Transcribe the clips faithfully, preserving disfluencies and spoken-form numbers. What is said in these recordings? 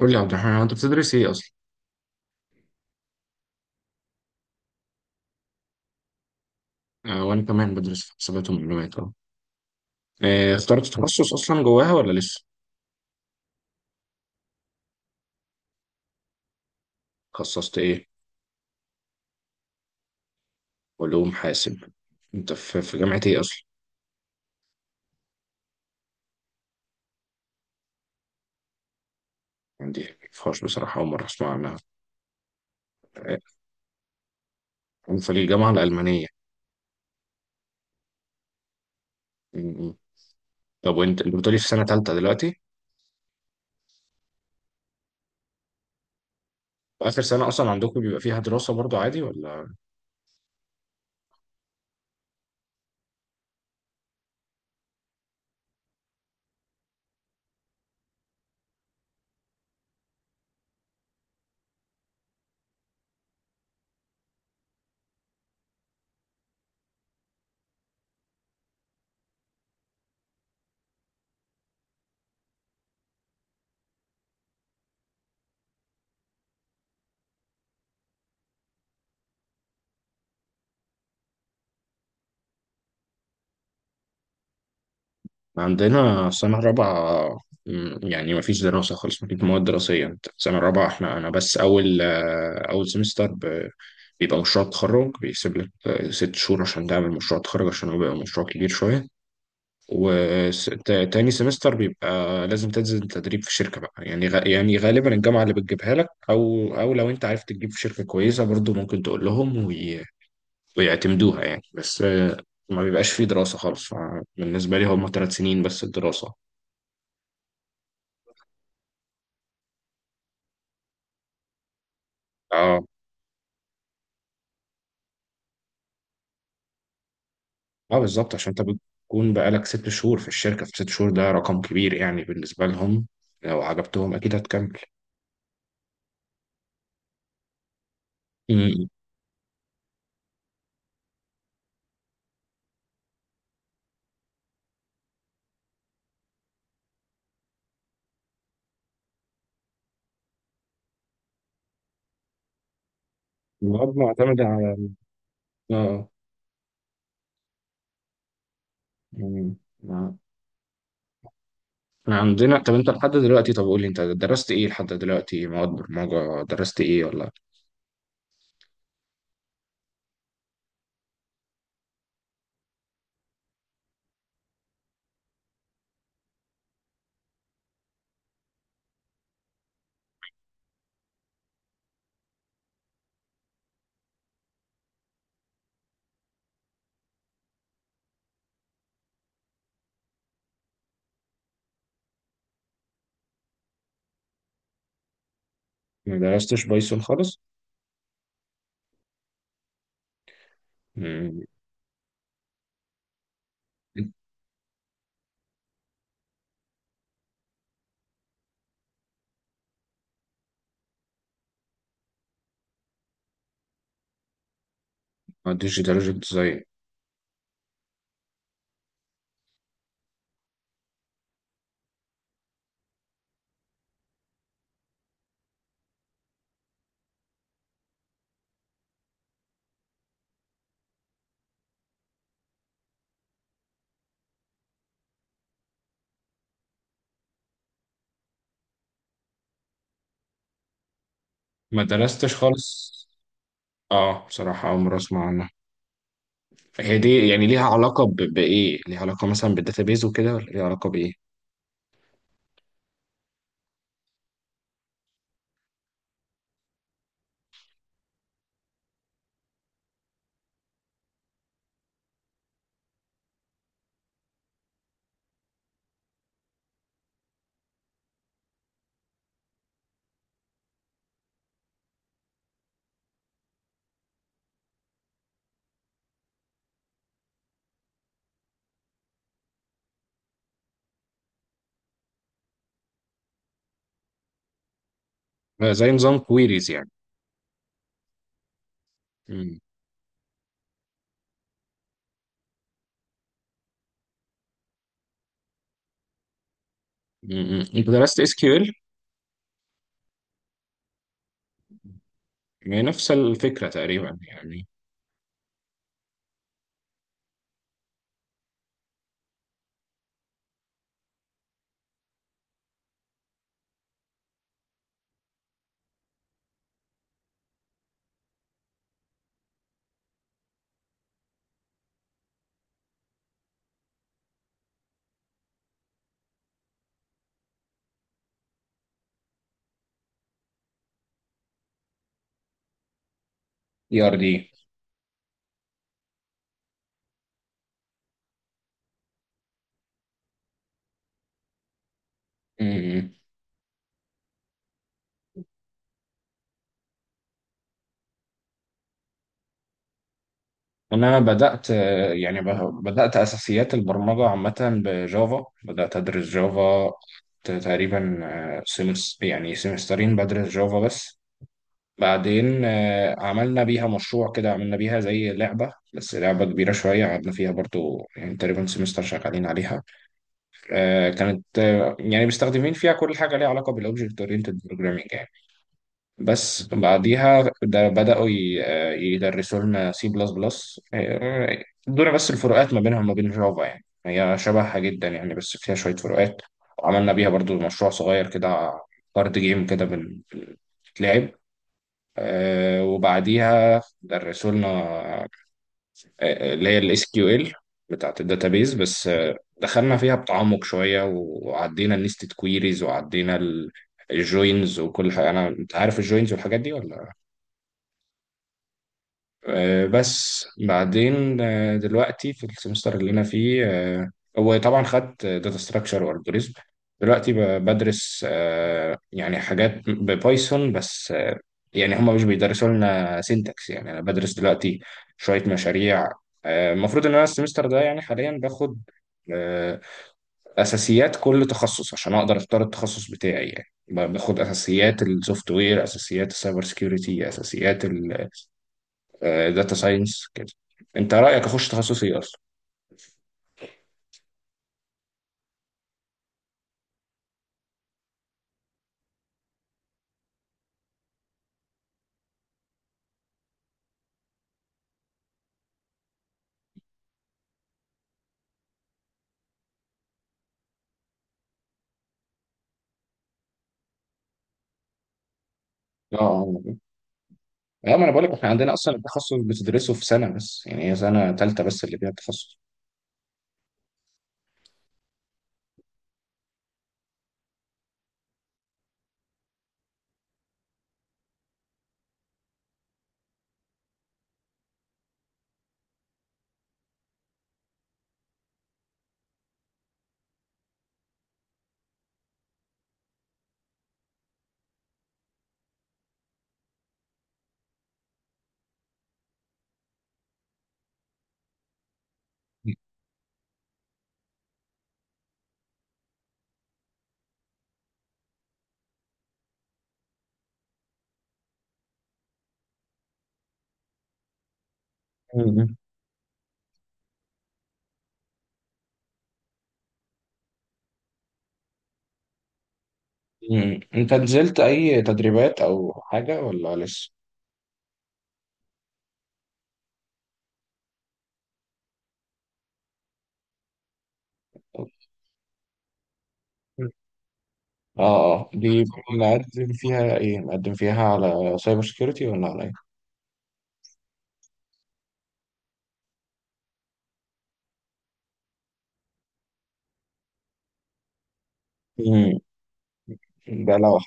قول لي يا عبد الرحمن، هو انت بتدرس ايه اصلا؟ آه وانا كمان بدرس في حسابات ومعلومات. اه آه، اخترت تخصص اصلا جواها ولا لسه؟ خصصت ايه؟ علوم حاسب. انت في في جامعة ايه اصلا؟ عندي فاش بصراحة، أول مرة أسمع عنها. آه، أنا في الجامعة الألمانية. م- م. طب وأنت اللي بتقولي في سنة تالتة دلوقتي؟ آخر سنة أصلا عندكم بيبقى فيها دراسة برضو عادي ولا؟ عندنا سنة رابعة. مم، يعني مفيش دراسة خالص، مفيش مواد دراسية. انت سنة رابعة، احنا أنا بس أول آه، أول سمستر ب- بيبقى مشروع تخرج، بيسيب لك آه، ست شهور عشان تعمل مشروع تخرج، عشان هو بيبقى مشروع كبير شوية. وتاني سمستر بيبقى لازم تنزل تدريب في شركة بقى، يعني غ... يعني غالبا الجامعة اللي بتجيبها لك، أو أو لو أنت عارف تجيب في شركة كويسة برضو ممكن تقول لهم وي... ويعتمدوها يعني. بس آه، ما بيبقاش فيه دراسة خالص، فبالنسبة لي هم ثلاث سنين بس الدراسة. اه اه، بالظبط. عشان انت بتكون بقالك ست شهور في الشركة، في ست شهور ده رقم كبير يعني بالنسبة لهم، لو عجبتهم أكيد هتكمل. امم. المواد معتمدة على. اه. امم. ما- احنا عندنا. طب انت لحد دلوقتي، طب قول لي انت درست ايه لحد دلوقتي، مواد برمجة درست ايه ولا ما درستش بايثون خالص؟ امم. اه، ديجيتال ديزاين. ما درستش خالص. اه بصراحة أول مرة أسمع عنها. هي دي يعني ليها علاقة ب... بإيه؟ ليها علاقة مثلا بالداتابيز وكده ولا ليها علاقة بإيه؟ آه، زي نظام كويريز يعني. مم. مم. مم. انت درست اس كيو ال؟ نفس الفكره تقريبا يعني. اي ار دي. انا بدات آه، يعني ب- بدات اساسيات البرمجه عامه بجافا، بدات ادرس جافا ت- تقريبا آه، سمس يعني سمسترين بدرس جافا بس. بعدين آه، عملنا بيها مشروع كده، عملنا بيها زي لعبه بس لعبه كبيره شويه قعدنا فيها برضو يعني تقريبا سمستر شغالين عليها. آه، كانت آه، يعني مستخدمين فيها كل حاجة ليها علاقة بالأوبجكت أورينتد بروجرامينج يعني. بس بعديها ده بدأوا ي- آه، يدرسوا لنا سي بلس بلس. ادونا بس الفروقات ما بينها وما بين جافا، يعني هي شبهها جدا يعني، بس فيها شوية فروقات. وعملنا بيها برضو مشروع صغير كده، كارد جيم كده بن- بنتلعب. آه، وبعديها درسوا لنا آه، اللي هي الاس كيو ال بتاعت الداتابيز. بس آه، دخلنا فيها بتعمق شويه، وعدينا النستد كويريز، وعدينا الجوينز وكل حاجه. انا انت عارف الجوينز والحاجات دي ولا؟ آه، بس بعدين آه، دلوقتي في السمستر اللي انا فيه، آه، هو طبعا خدت داتا ستراكشر والجوريزم. دلوقتي ب- بدرس آه، يعني حاجات ببايثون. بس آه، يعني هم مش بيدرسوا لنا سينتاكس، يعني انا بدرس دلوقتي شوية مشاريع. آه، المفروض ان انا السمستر ده يعني حاليا باخد آه، اساسيات كل تخصص عشان اقدر اختار التخصص بتاعي. يعني باخد اساسيات السوفت وير، اساسيات السايبر سكيورتي، اساسيات داتا ساينس كده. انت رايك اخش تخصص ايه اصلا؟ اه اه. اه، ما انا بقول لك، احنا عندنا اصلا التخصص بتدرسه في سنه بس، يعني هي سنه ثالثه بس اللي فيها التخصص. مم. مم. انت نزلت اي تدريبات او حاجه ولا لسه؟ مم. اه اه، دي مقدم فيها ايه؟ مقدم فيها على سايبر سيكيورتي ولا على ايه؟ مم. ده لوحة.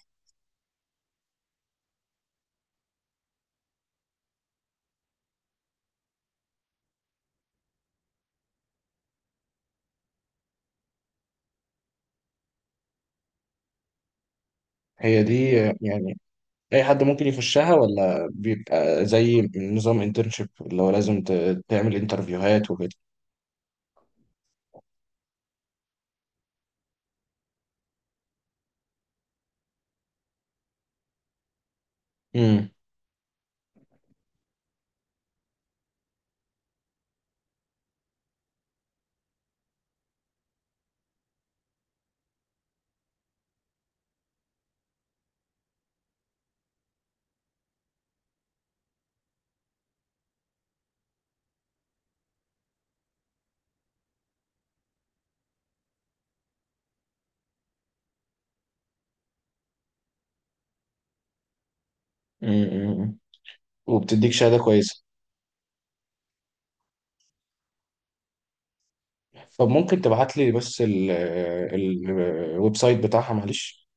هي دي آه، يعني اي حد ممكن يخشها ولا بيبقى زي نظام انترنشيب اللي هو لازم ت- تعمل انترفيوهات وكده؟ امم. وبتديك شهادة كويسة؟ طب ممكن تبعت لي بس ال- ال- الويب سايت بتاعها معلش؟